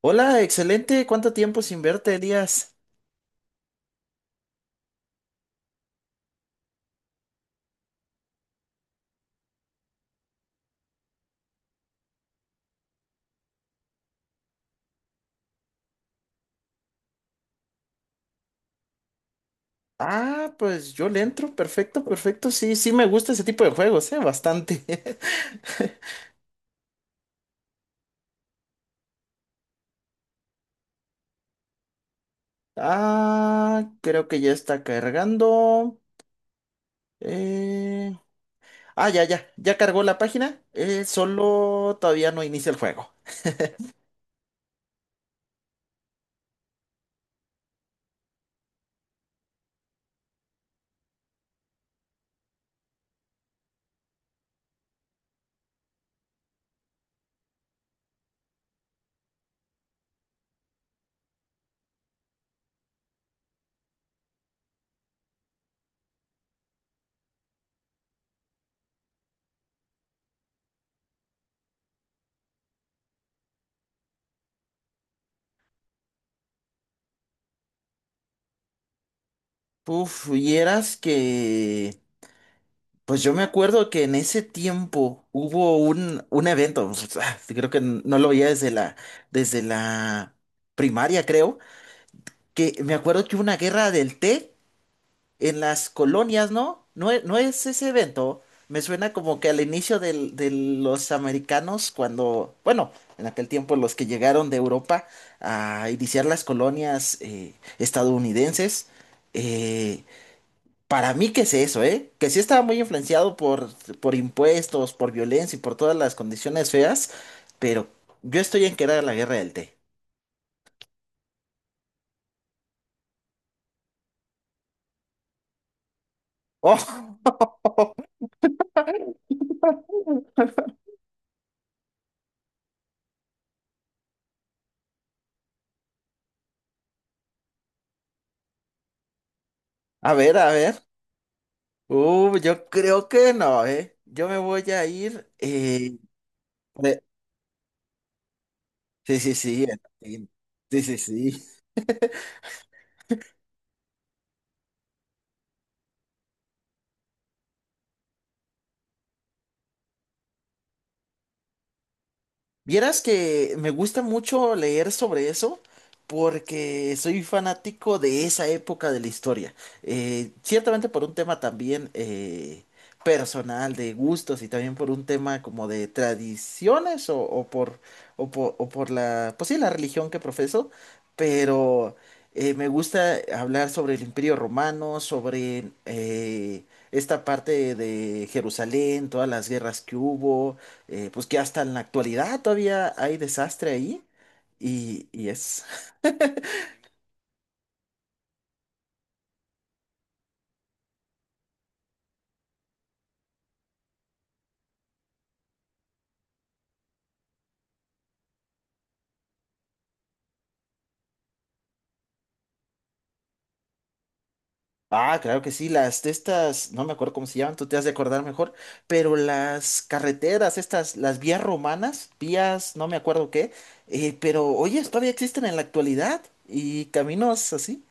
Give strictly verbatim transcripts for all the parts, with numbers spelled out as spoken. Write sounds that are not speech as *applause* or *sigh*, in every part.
Hola, excelente. ¿Cuánto tiempo sin verte, Elías? Ah, pues yo le entro. Perfecto, perfecto. Sí, sí me gusta ese tipo de juegos, ¿eh? Bastante. *laughs* Ah, creo que ya está cargando. Eh, Ah, ya, ya. Ya cargó la página. Eh, solo todavía no inicia el juego. Uf, vieras que... Pues yo me acuerdo que en ese tiempo hubo un, un evento. *laughs* Creo que no lo veía desde la, desde la primaria, creo. Que me acuerdo que hubo una guerra del té en las colonias, ¿no? No, e- no es ese evento. Me suena como que al inicio del- de los americanos, cuando, bueno, en aquel tiempo los que llegaron de Europa a iniciar las colonias eh, estadounidenses. eh, para mí, ¿qué es eso, eh? Que sí estaba muy influenciado por, por impuestos, por violencia y por todas las condiciones feas, pero yo estoy en que era la guerra del té. *laughs* Oh, a ver, a ver. Uh, yo creo que no, ¿eh? Yo me voy a ir. eh, pre- sí, sí, sí, en latín. Sí, sí, sí. Vieras que me gusta mucho leer sobre eso porque soy fanático de esa época de la historia. Eh, ciertamente por un tema también eh, personal de gustos y también por un tema como de tradiciones o, o por, o por, o por la, pues sí, la religión que profeso, pero eh, me gusta hablar sobre el Imperio Romano, sobre eh, esta parte de Jerusalén, todas las guerras que hubo eh, pues que hasta en la actualidad todavía hay desastre ahí. Y, y es. Ah, claro que sí, las de estas, no me acuerdo cómo se llaman, tú te has de acordar mejor, pero las carreteras, estas, las vías romanas, vías, no me acuerdo qué, eh, pero oye, todavía existen en la actualidad y caminos así.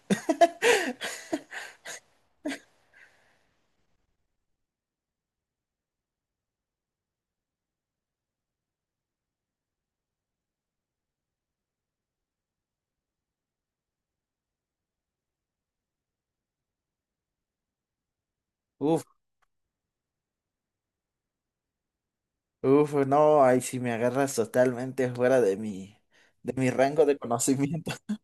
Uf, uf, no, ahí sí me agarras totalmente fuera de mi, de mi rango de conocimiento. *laughs*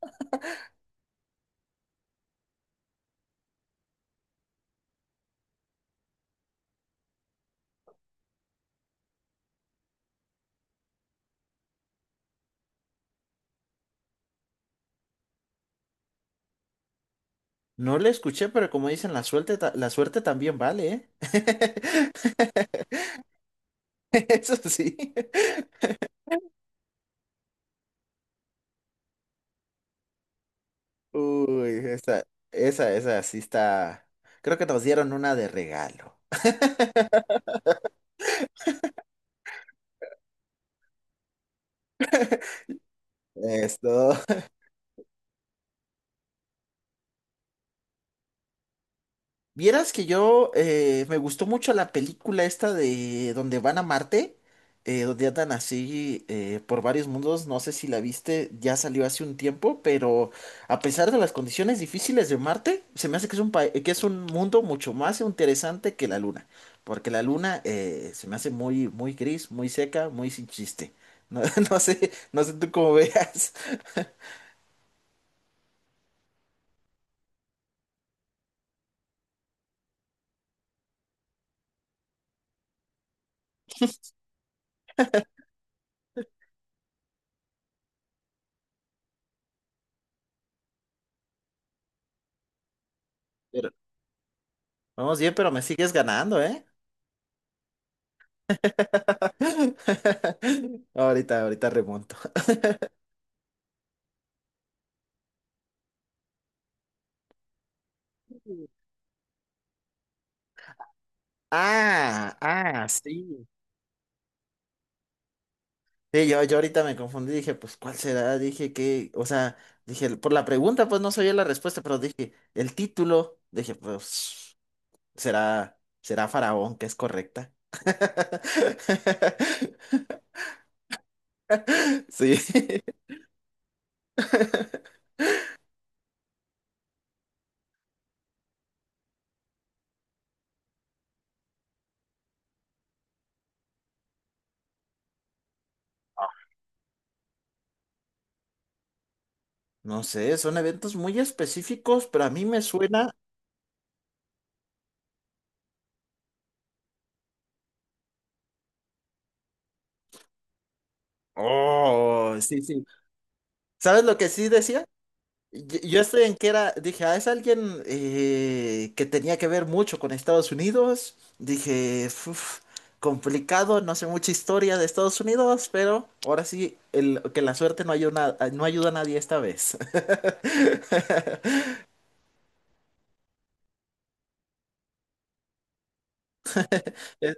No le escuché, pero como dicen, la suerte, ta- la suerte también vale, ¿eh? *laughs* *laughs* Eso sí. Uy, esa, esa, esa sí está. Creo que nos dieron una de regalo. Esto. Vieras que yo eh, me gustó mucho la película esta de donde van a Marte, eh, donde andan así eh, por varios mundos, no sé si la viste, ya salió hace un tiempo, pero a pesar de las condiciones difíciles de Marte, se me hace que es un, pa- que es un mundo mucho más interesante que la Luna, porque la Luna eh, se me hace muy, muy gris, muy seca, muy sin chiste. No, *laughs* no sé, no sé tú cómo veas, pero vamos bien, pero me sigues ganando, ¿eh? *laughs* Ahorita, ahorita remonto. Ah, ah, sí. Sí, yo, yo ahorita me confundí, dije, pues, ¿cuál será? Dije que, o sea, dije, por la pregunta, pues no sabía la respuesta, pero dije, el título, dije, pues, será, será Faraón, que es correcta. *laughs* Sí. No sé, son eventos muy específicos, pero a mí me suena. Oh, sí, sí. ¿Sabes lo que sí decía? Yo yo estoy en que era, dije, ah, es alguien eh, que tenía que ver mucho con Estados Unidos. Dije, "Uf, complicado, no sé mucha historia de Estados Unidos, pero ahora sí, el, que la suerte no ayuda, no ayuda a nadie esta vez. *laughs* Es,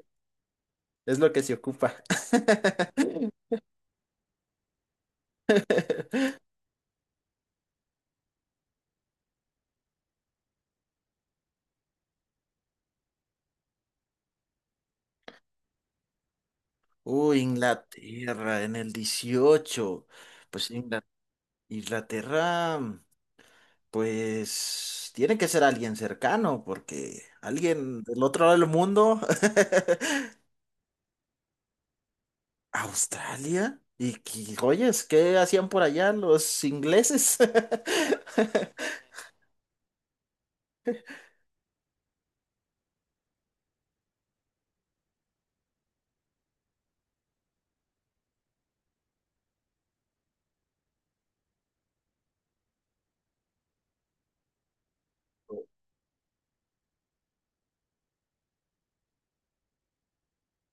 es lo que se ocupa. Uy, Inglaterra en el dieciocho. Pues Ingla- Inglaterra, pues tiene que ser alguien cercano, porque alguien del otro lado del mundo. ¿Australia? ¿Y qué- oyes, qué hacían por allá los ingleses? *laughs*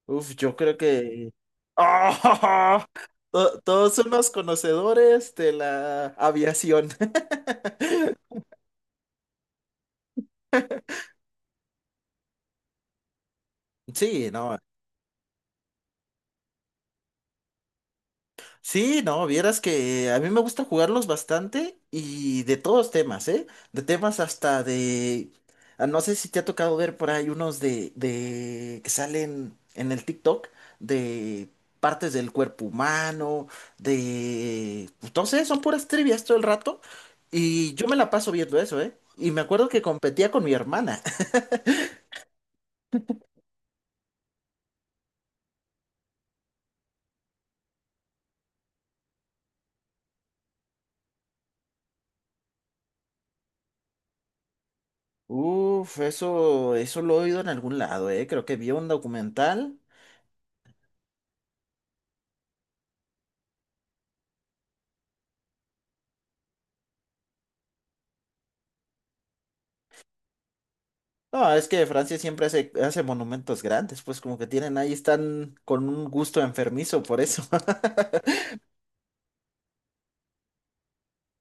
Uf, yo creo que... ¡Ah! To- Todos son los conocedores de la aviación. *laughs* Sí, no. Sí, no, vieras que a mí me gusta jugarlos bastante y de todos temas, ¿eh? De temas hasta de... ah, no sé si te ha tocado ver por ahí unos de, de... que salen en el TikTok de partes del cuerpo humano, de... Entonces son puras trivias todo el rato y yo me la paso viendo eso, ¿eh? Y me acuerdo que competía con mi hermana. *laughs* Uf, eso, eso lo he oído en algún lado, ¿eh? Creo que vi un documental. No, es que Francia siempre hace, hace monumentos grandes, pues como que tienen ahí, están con un gusto enfermizo por eso. *laughs*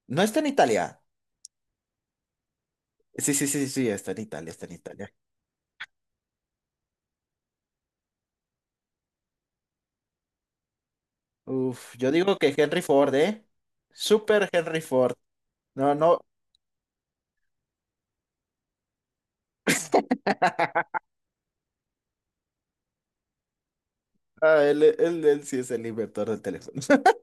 No, está en Italia. Sí, sí, sí, sí, está en Italia, está en Italia. Uf, yo digo que Henry Ford, ¿eh? Super Henry Ford. No, no, ah, él, él, él sí es el inventor del teléfono. *laughs*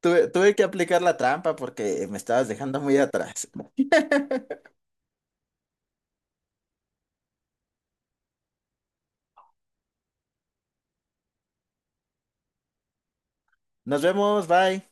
Tuve, tuve que aplicar la trampa porque me estabas dejando muy atrás. Nos vemos, bye.